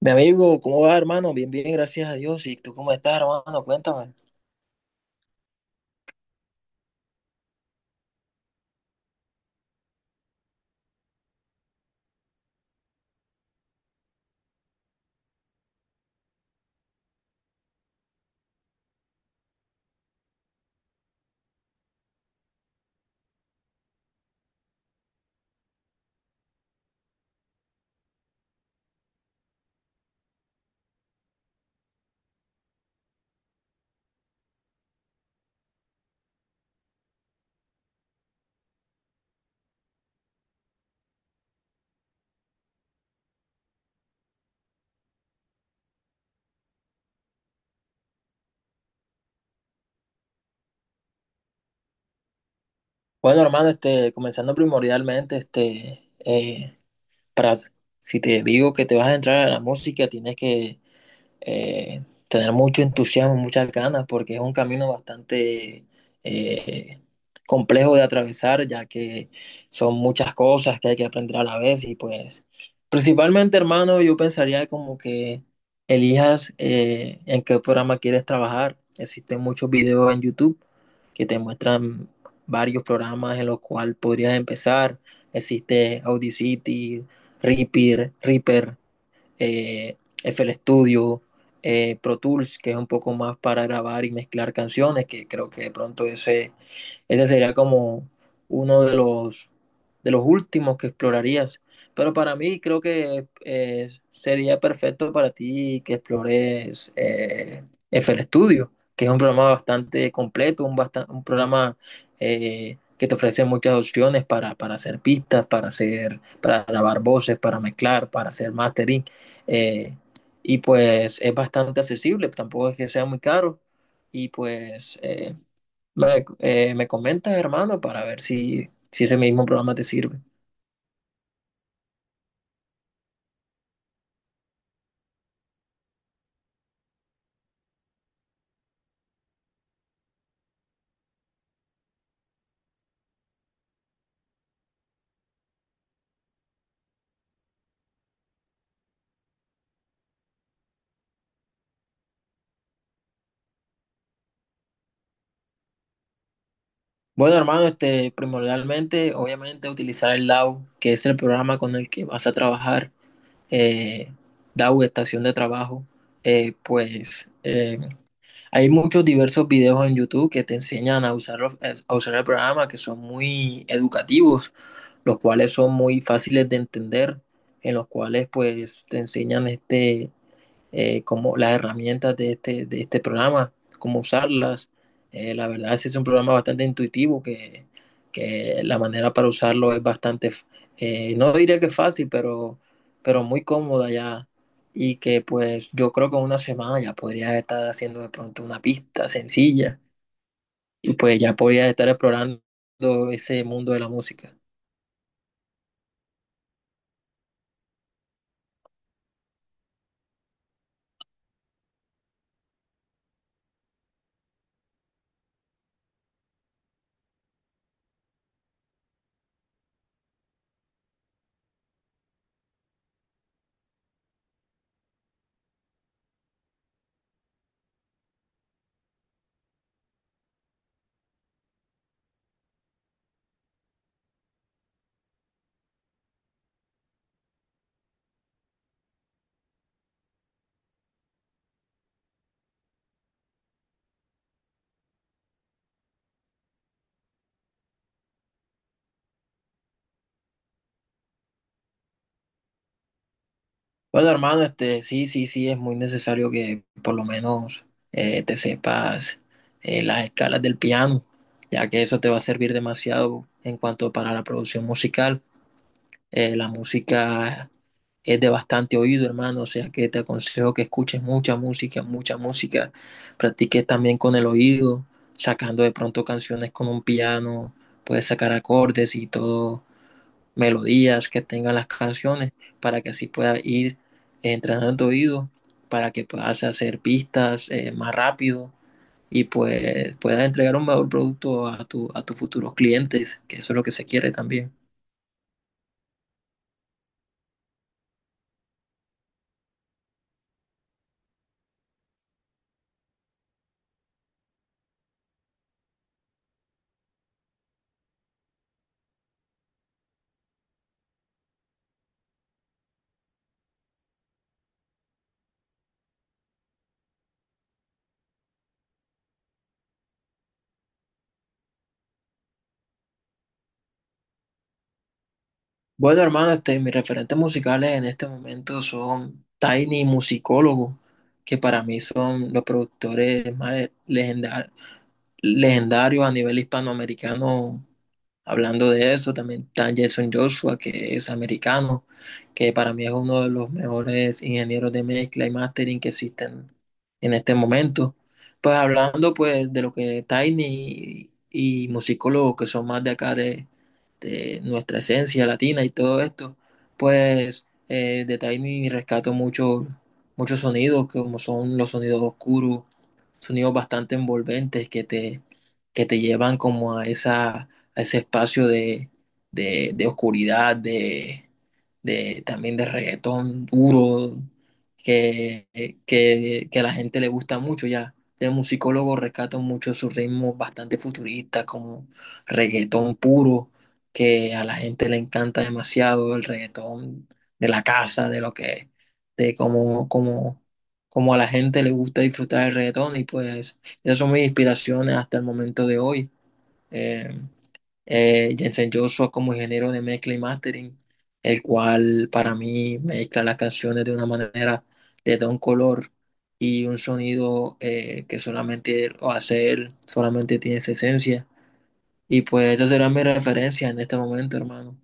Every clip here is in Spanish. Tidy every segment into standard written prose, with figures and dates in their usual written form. Mi amigo, ¿cómo va, hermano? Bien, bien, gracias a Dios. ¿Y tú cómo estás, hermano? Cuéntame. Bueno, hermano, este, comenzando primordialmente, este, para, si te digo que te vas a entrar a la música, tienes que tener mucho entusiasmo, muchas ganas, porque es un camino bastante eh, complejo de atravesar, ya que son muchas cosas que hay que aprender a la vez y pues principalmente, hermano, yo pensaría como que elijas en qué programa quieres trabajar. Existen muchos videos en YouTube que te muestran varios programas en los cuales podrías empezar. Existe Audacity, Reaper eh, FL Studio, Pro Tools, que es un poco más para grabar y mezclar canciones, que creo que de pronto ese sería como uno de los últimos que explorarías. Pero para mí creo que sería perfecto para ti que explores F l Studio, que es un programa bastante completo, un programa que te ofrece muchas opciones para hacer pistas, para grabar voces, para mezclar, para hacer mastering. eh, y pues es bastante accesible, tampoco es que sea muy caro. Y pues me comentas, hermano, para ver si ese mismo programa te sirve. Bueno, hermano, este, primordialmente, obviamente, utilizar el DAO, que es el programa con el que vas a trabajar, eh, DAO, estación de trabajo. Eh, pues eh, Hay muchos diversos videos en YouTube que te enseñan a usar, a usar el programa, que son muy educativos, los cuales son muy fáciles de entender, en los cuales pues te enseñan este como las herramientas de este programa, cómo usarlas. La verdad es que es un programa bastante intuitivo que la manera para usarlo es bastante, no diría que fácil, pero muy cómoda ya. Y que pues yo creo que en una semana ya podría estar haciendo de pronto una pista sencilla y pues ya podría estar explorando ese mundo de la música. Bueno, hermano, este, sí, sí, sí, es muy necesario que por lo menos te sepas las escalas del piano, ya que eso te va a servir demasiado en cuanto para la producción musical. La música es de bastante oído, hermano, o sea que te aconsejo que escuches mucha música, mucha música. Practiques también con el oído, sacando de pronto canciones con un piano, puedes sacar acordes y todo melodías que tengan las canciones para que así pueda ir entrenando tu oído, para que puedas hacer pistas más rápido y pues puedas entregar un mejor producto a tus futuros clientes, que eso es lo que se quiere también. Bueno, hermano, este, mis referentes musicales en este momento son Tiny y Musicólogo, que para mí son los productores más legendarios a nivel hispanoamericano. Hablando de eso, también está Jason Joshua, que es americano, que para mí es uno de los mejores ingenieros de mezcla y mastering que existen en este momento. Pues hablando pues de lo que Tiny y musicólogos que son más de acá de nuestra esencia latina y todo esto, pues de Tiny rescato mucho, muchos sonidos, como son los sonidos oscuros, sonidos bastante envolventes que te llevan como a ese espacio de oscuridad, también de reggaetón duro, que, que a la gente le gusta mucho ya. De musicólogo rescato mucho sus ritmos bastante futuristas, como reggaetón puro, que a la gente le encanta demasiado el reggaetón de la casa, de lo que, de como, como a la gente le gusta disfrutar el reggaetón y pues esas son mis inspiraciones hasta el momento de hoy. Eh, Jensen Joshua como ingeniero de mezcla y mastering, el cual para mí mezcla las canciones de una manera, le da un color y un sonido que solamente él o hace él, solamente tiene esa esencia. Y pues esa será mi referencia en este momento, hermano.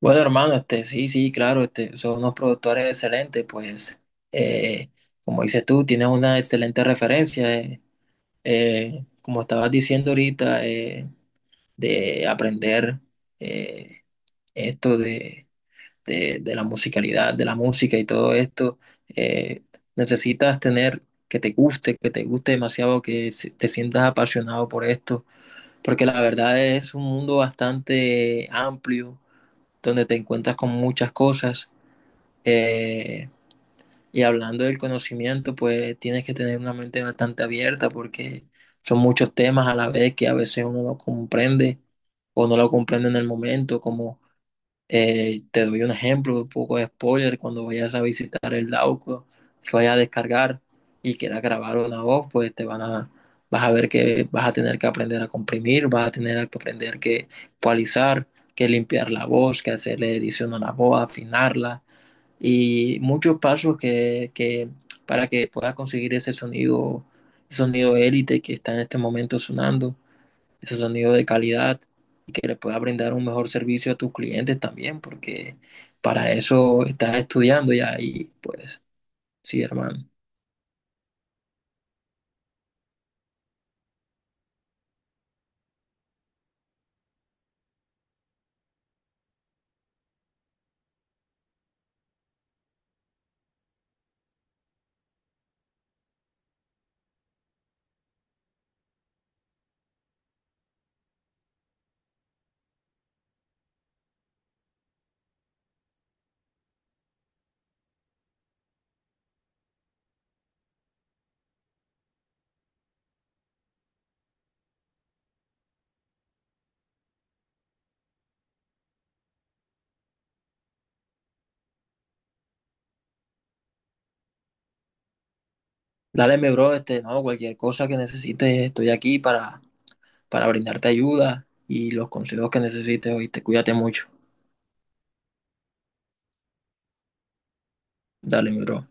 Bueno, hermano, este, sí, sí, claro, este, son unos productores excelentes, pues, eh, como dices tú, tienes una excelente referencia, como estabas diciendo ahorita, de aprender eh, esto de la musicalidad, de la música y todo esto, eh, necesitas tener que te guste demasiado, te sientas apasionado por esto, porque la verdad es un mundo bastante amplio, donde te encuentras con muchas cosas eh, y hablando del conocimiento, pues tienes que tener una mente bastante abierta porque son muchos temas a la vez que a veces uno no comprende o no lo comprende en el momento, como te doy un ejemplo, un poco de spoiler, cuando vayas a visitar el Dauco, que vayas a descargar y quieras grabar una voz, pues vas a ver que vas a tener que aprender a comprimir, vas a tener que aprender que cualizar, que limpiar la voz, que hacerle edición a la voz, afinarla y muchos pasos que para que puedas conseguir ese sonido élite que está en este momento sonando, ese sonido de calidad y que le puedas brindar un mejor servicio a tus clientes también, porque para eso estás estudiando ya y pues sí, hermano. Dale, mi bro, este, no, cualquier cosa que necesites, estoy aquí para brindarte ayuda y los consejos que necesites, oíste, cuídate mucho. Dale, mi bro.